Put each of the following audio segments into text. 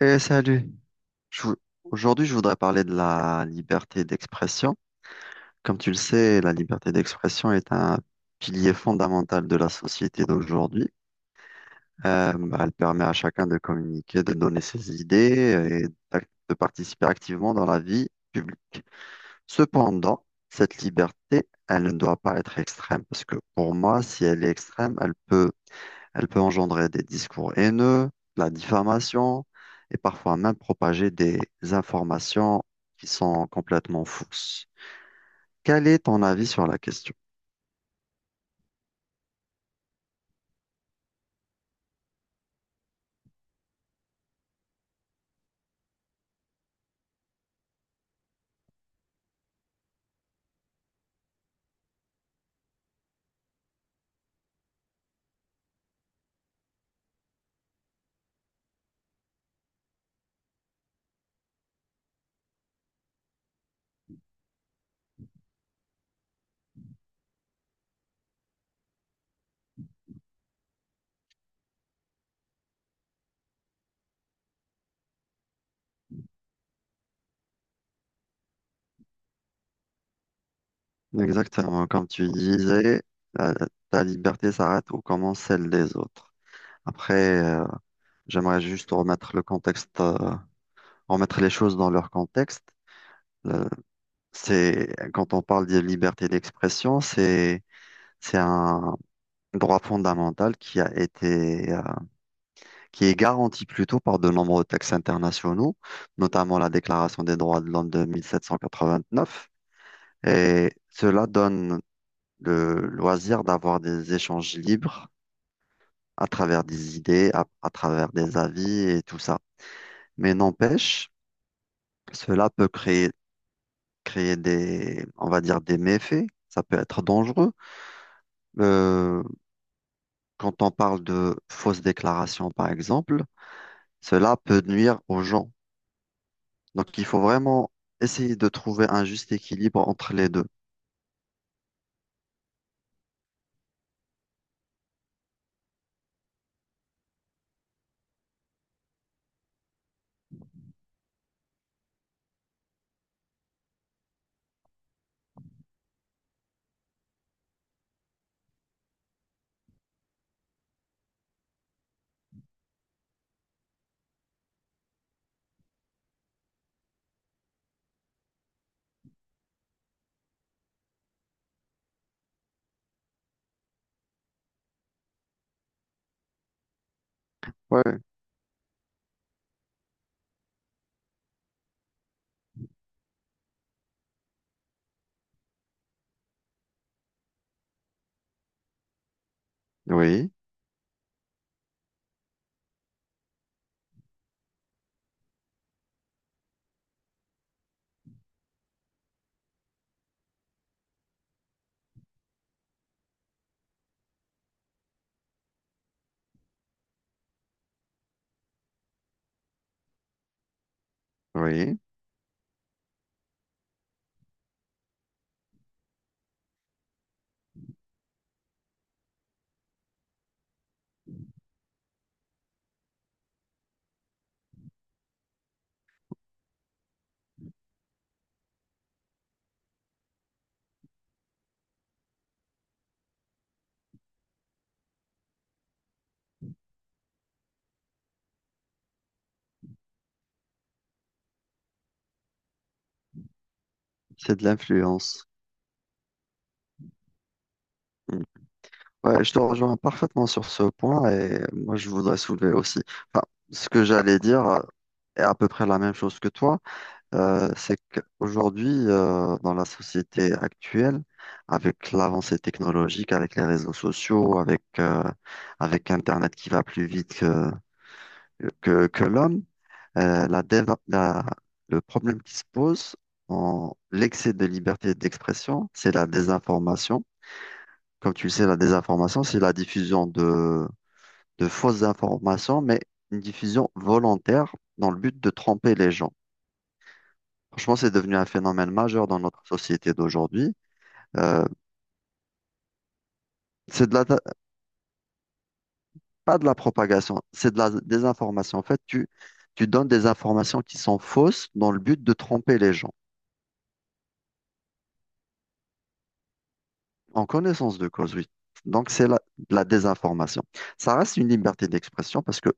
Eh, salut. Je vou- Aujourd'hui, je voudrais parler de la liberté d'expression. Comme tu le sais, la liberté d'expression est un pilier fondamental de la société d'aujourd'hui. Bah, elle permet à chacun de communiquer, de donner ses idées et de participer activement dans la vie publique. Cependant, cette liberté, elle ne doit pas être extrême parce que pour moi, si elle est extrême, elle peut engendrer des discours haineux, de la diffamation et parfois même propager des informations qui sont complètement fausses. Quel est ton avis sur la question? Exactement, comme tu disais, la- ta liberté s'arrête où commence celle des autres. Après, j'aimerais juste remettre le contexte, remettre les choses dans leur contexte. Euh, c'est, quand on parle de liberté d'expression, c'est un droit fondamental qui a été qui est garantie plutôt par de nombreux textes internationaux, notamment la Déclaration des droits de l'homme de 1789. Et cela donne le loisir d'avoir des échanges libres à travers des idées, à travers des avis et tout ça. Mais n'empêche, cela peut créer des, on va dire, des méfaits. Ça peut être dangereux. Euh, quand on parle de fausses déclarations, par exemple, cela peut nuire aux gens. Donc, il faut vraiment essayer de trouver un juste équilibre entre les deux. Ouais. Oui, oui, c'est de l'influence. Mm. Ouais, je te rejoins parfaitement sur ce point et moi, je voudrais soulever aussi. Enfin, ce que j'allais dire est à peu près la même chose que toi. C'est qu'aujourd'hui, dans la société actuelle, avec l'avancée technologique, avec les réseaux sociaux, avec Internet qui va plus vite que, que l'homme. Euh, la déva- la- le problème qui se pose en l'excès de liberté d'expression, c'est la désinformation. Comme tu le sais, la désinformation, c'est la diffusion de fausses informations, mais une diffusion volontaire dans le but de tromper les gens. Franchement, c'est devenu un phénomène majeur dans notre société d'aujourd'hui. Euh, c'est de la, pas de la propagation, c'est de la désinformation. En fait, tu donnes des informations qui sont fausses dans le but de tromper les gens. En connaissance de cause, oui. Donc, c'est la désinformation. Ça reste une liberté d'expression parce que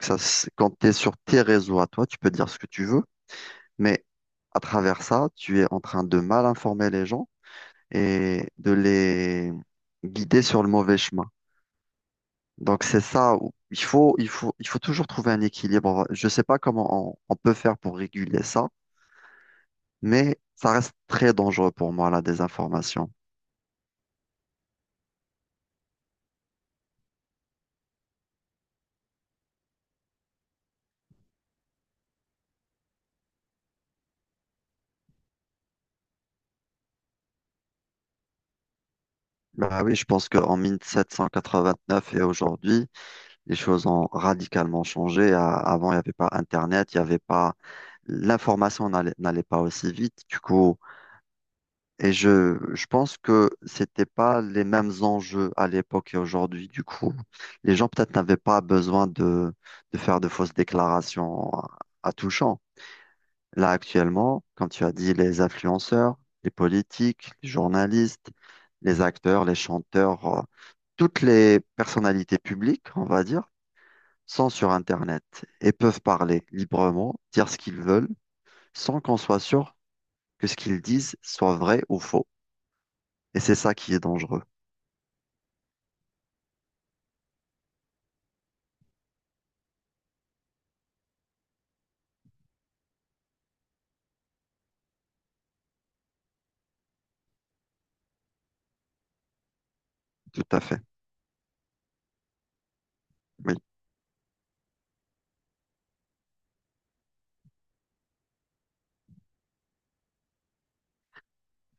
quand tu es sur tes réseaux à toi, tu peux dire ce que tu veux, mais à travers ça, tu es en train de mal informer les gens et de les guider sur le mauvais chemin. Donc, c'est ça où il faut toujours trouver un équilibre. Je ne sais pas comment on peut faire pour réguler ça. Mais ça reste très dangereux pour moi, la désinformation. Bah oui, je pense qu'en neuf et aujourd'hui, les choses ont radicalement changé. Avant, il n'y avait pas Internet, il n'y avait pas, l'information n'allait pas aussi vite. Du coup, et je pense que c'était pas les mêmes enjeux à l'époque et aujourd'hui. Du coup, les gens peut-être n'avaient pas besoin de faire de fausses déclarations à tout champ. Là, actuellement, quand tu as dit les influenceurs, les politiques, les journalistes, les acteurs, les chanteurs, toutes les personnalités publiques, on va dire, sont sur Internet et peuvent parler librement, dire ce qu'ils veulent, sans qu'on soit sûr que ce qu'ils disent soit vrai ou faux. Et c'est ça qui est dangereux. Tout à fait. Oui.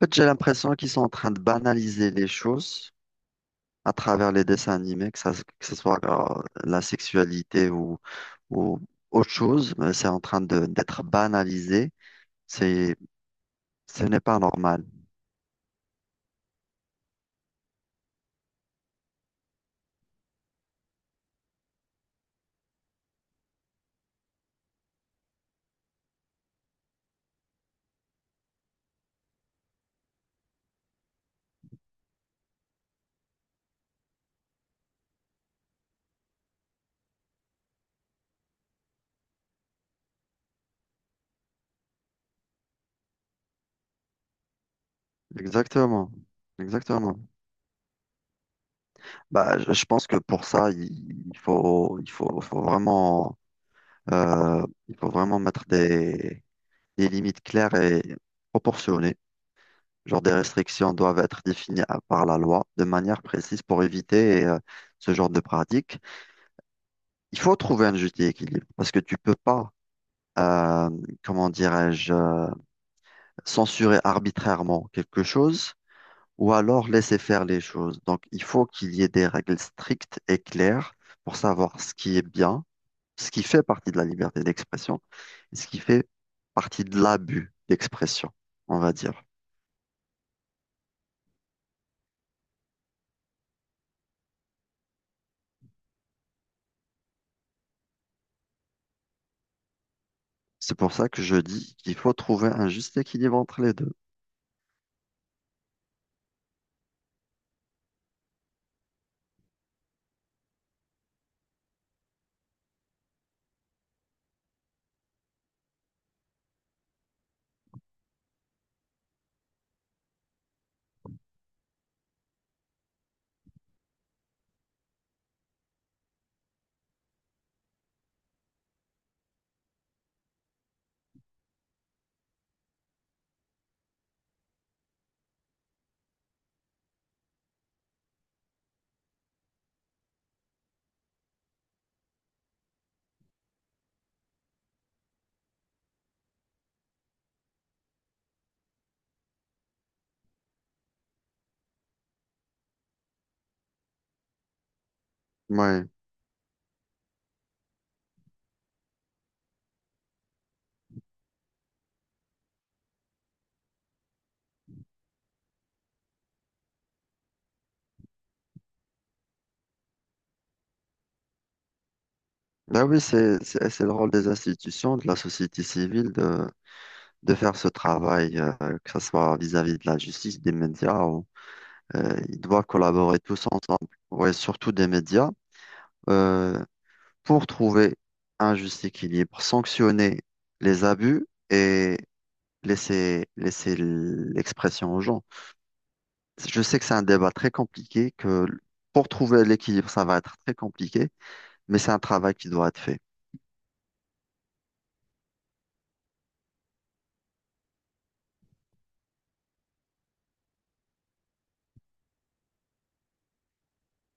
En fait, j'ai l'impression qu'ils sont en train de banaliser les choses à travers les dessins animés, que ça, que ce soit la sexualité ou, ou autre chose, mais c'est en train d'être banalisé. C'est, ce n'est pas normal. Exactement. Exactement. Bah, je pense que pour ça, il faut, il faut, faut vraiment, il faut vraiment mettre des limites claires et proportionnées. Genre des restrictions doivent être définies par la loi de manière précise pour éviter ce genre de pratique. Il faut trouver un juste équilibre parce que tu peux pas, euh, comment dirais-je, censurer arbitrairement quelque chose ou alors laisser faire les choses. Donc il faut qu'il y ait des règles strictes et claires pour savoir ce qui est bien, ce qui fait partie de la liberté d'expression et ce qui fait partie de l'abus d'expression, on va dire. C'est pour ça que je dis qu'il faut trouver un juste équilibre entre les deux. Ouais. Ben oui, c'est le rôle des institutions, de la société civile de faire ce travail, que ce soit vis-à-vis de la justice, des médias, ou, ils doivent collaborer tous ensemble, ouais, surtout des médias, euh, pour trouver un juste équilibre, sanctionner les abus et laisser l'expression aux gens. Je sais que c'est un débat très compliqué, que pour trouver l'équilibre, ça va être très compliqué. Mais c'est un travail qui doit être fait.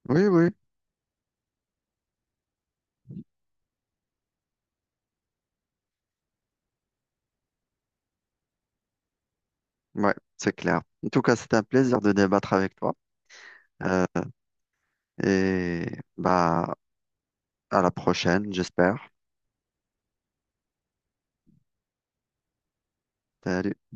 Oui, oui, ouais, c'est clair. En tout cas, c'est un plaisir de débattre avec toi. Euh, et bah, à la prochaine, j'espère. Salut.